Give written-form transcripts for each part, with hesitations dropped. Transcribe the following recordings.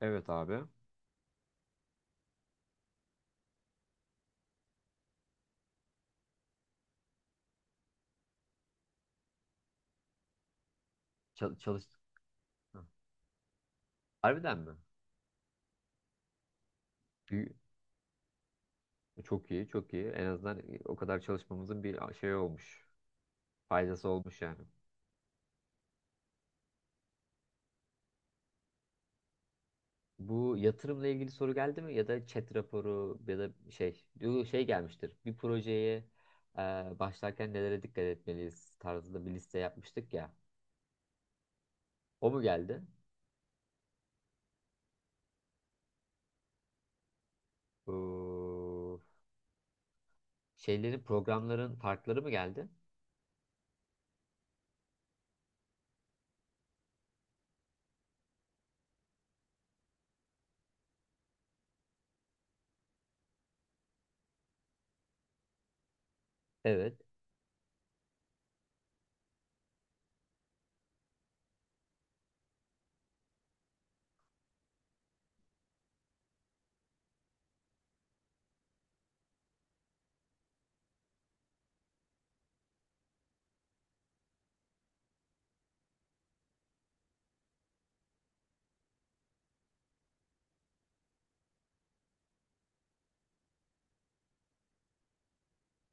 Evet abi. Çalış. Hı. Harbiden mi? Büyü- Çok iyi, çok iyi. En azından o kadar çalışmamızın bir şey olmuş. Faydası olmuş yani. Bu yatırımla ilgili soru geldi mi? Ya da chat raporu ya da şey gelmiştir. Bir projeye e, başlarken nelere dikkat etmeliyiz tarzında bir liste yapmıştık ya. O mu geldi? Bu şeylerin programların farkları mı geldi? Evet.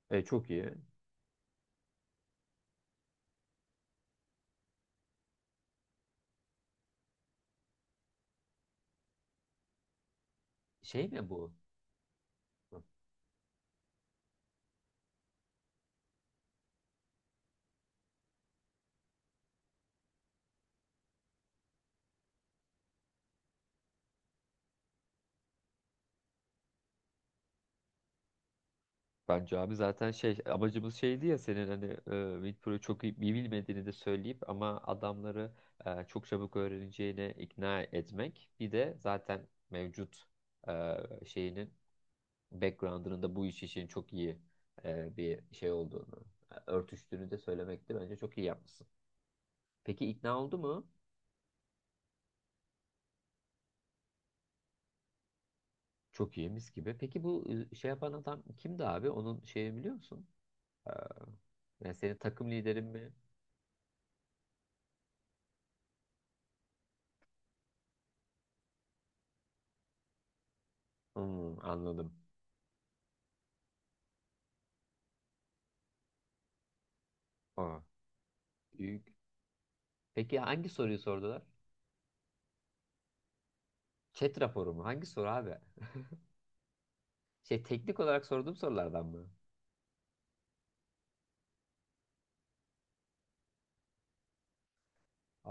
E, çok iyi. Şey mi bu? Bence abi zaten şey amacımız şeydi ya senin hani Winpro'yu çok iyi bilmediğini de söyleyip ama adamları çok çabuk öğreneceğine ikna etmek. Bir de zaten mevcut e, şeyinin background'ının da bu iş için çok iyi bir şey olduğunu, örtüştüğünü de söylemekti. Bence çok iyi yapmışsın. Peki ikna oldu mu? Çok iyi mis gibi. Peki bu şey yapan adam kimdi abi? Onun şeyi biliyor musun? E, yani senin takım liderin mi? Hmm, anladım. Aa. Büyük. Peki hangi soruyu sordular? Chat raporu mu? Hangi soru abi? Şey teknik olarak sorduğum sorulardan mı?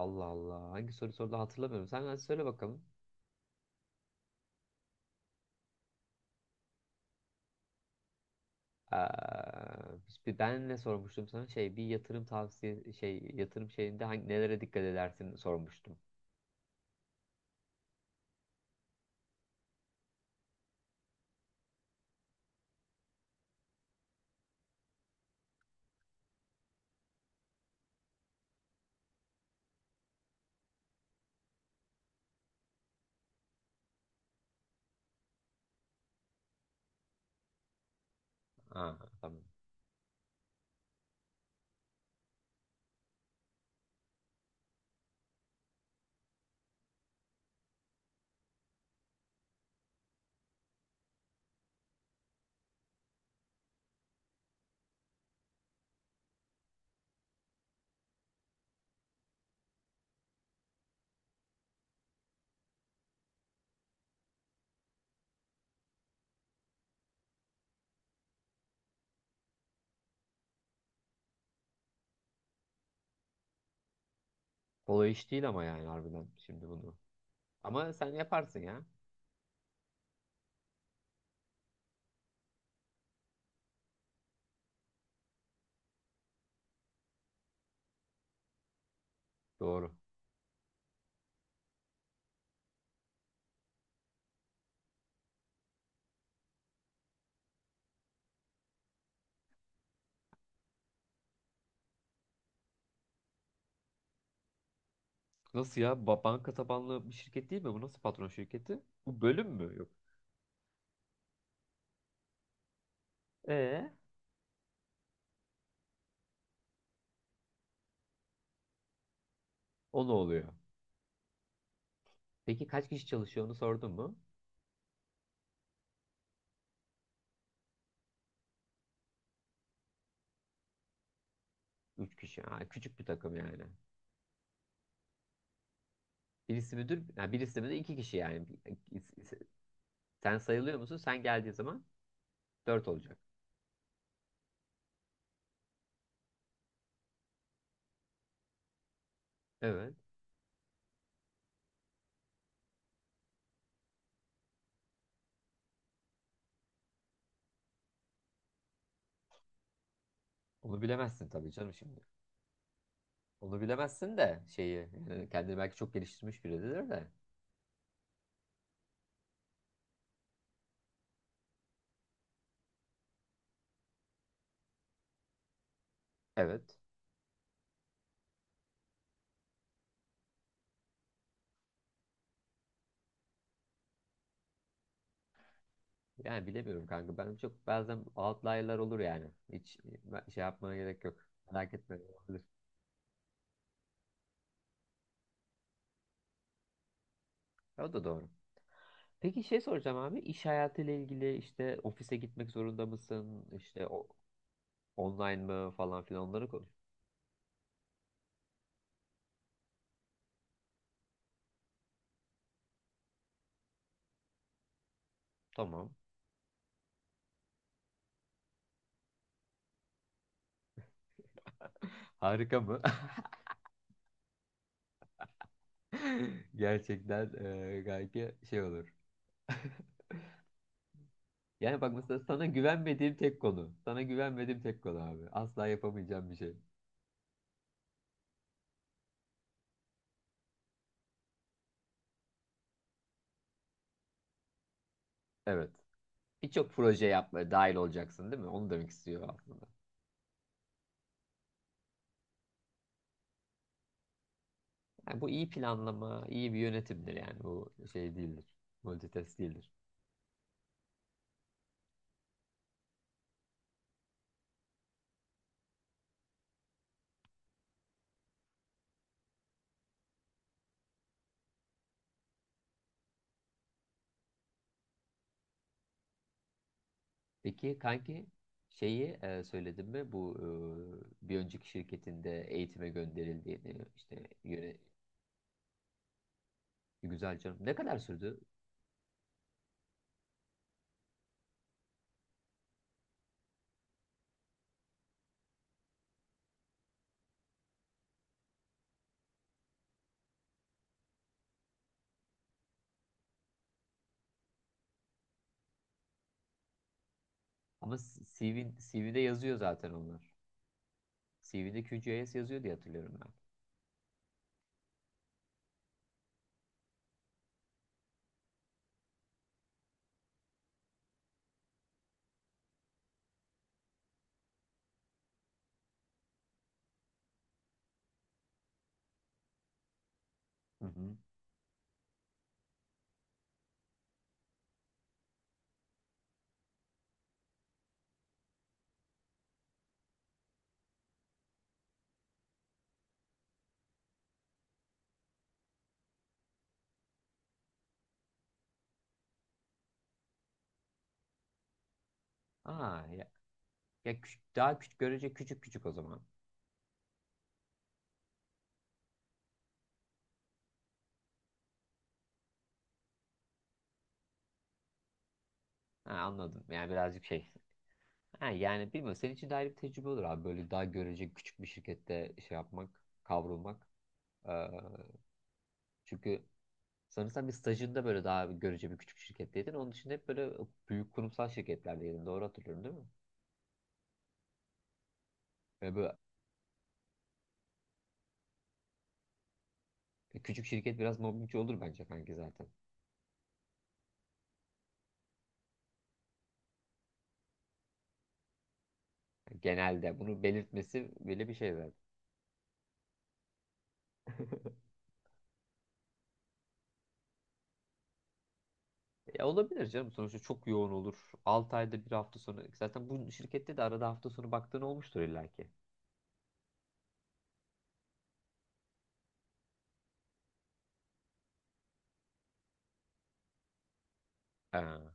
Allah Allah. Hangi soru sordu hatırlamıyorum. Sen hadi söyle bakalım. Ee, ben ne sormuştum sana? Şey bir yatırım şeyinde hangi, nelere dikkat edersin sormuştum. Ha, tamam. Kolay iş değil ama yani harbiden şimdi bunu. Ama sen yaparsın ya. Doğru. Nasıl ya? Banka tabanlı bir şirket değil mi? Bu nasıl patron şirketi? Bu bölüm mü? Yok. Ee, o ne oluyor? Peki kaç kişi çalışıyor onu sordun mu? Üç kişi. Ha, küçük bir takım yani. Birisi müdür, ha, birisi de iki kişi yani. Sen sayılıyor musun? Sen geldiği zaman dört olacak. Evet. Onu bilemezsin tabii canım şimdi. Onu bilemezsin de şeyi yani kendini belki çok geliştirmiş biridir de. Evet. Yani bilemiyorum kanka. Ben çok bazen outlier'lar olur yani. Şey yapmana gerek yok. Merak etme. Olabilir. O da doğru. Peki şey soracağım abi. İş hayatıyla ilgili işte ofise gitmek zorunda mısın? İşte o, online mı falan filan onları konuş. Tamam. Harika mı? Gerçekten gayet şey olur. Yani bak mesela sana güvenmediğim tek konu. Sana güvenmediğim tek konu abi. Asla yapamayacağım bir şey. Evet. Birçok proje yapmaya dahil olacaksın değil mi? Onu demek istiyor aslında. Yani bu iyi planlama, iyi bir yönetimdir yani. Bu şey değildir. Multitask değildir. Peki kanki şeyi söyledim mi? Bu bir önceki şirketinde eğitime gönderildiğini, işte Güzel canım. Ne kadar sürdü? Ama CV'de yazıyor zaten onlar. CV'de QGIS yazıyor diye hatırlıyorum ben. Hı hı. Aa, ya, daha görece küçük o zaman. Ha, anladım. Yani birazcık şey. Ha, yani bilmiyorum. Senin için de ayrı bir tecrübe olur abi. Böyle daha görece küçük bir şirkette şey yapmak, kavrulmak. Ee, çünkü sanırsam bir stajında böyle daha görece bir küçük şirketteydin. Onun dışında hep böyle büyük kurumsal şirketlerdeydin. Doğru hatırlıyorum değil mi? Ve böyle küçük şirket biraz mobbingçi olur bence kanki zaten. Genelde bunu belirtmesi bile bir şey zaten. Ya olabilir canım. Sonuçta çok yoğun olur. 6 ayda bir hafta sonu. Zaten bu şirkette de arada hafta sonu baktığın olmuştur illaki. Ee,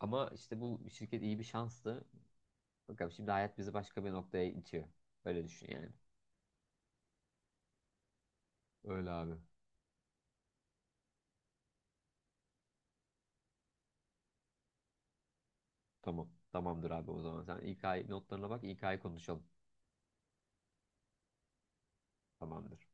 ama işte bu şirket iyi bir şanstı. Bakalım şimdi hayat bizi başka bir noktaya itiyor. Öyle düşün yani. Öyle abi. Tamam. Tamamdır abi o zaman. Sen İK notlarına bak. İK'yı konuşalım. Tamamdır.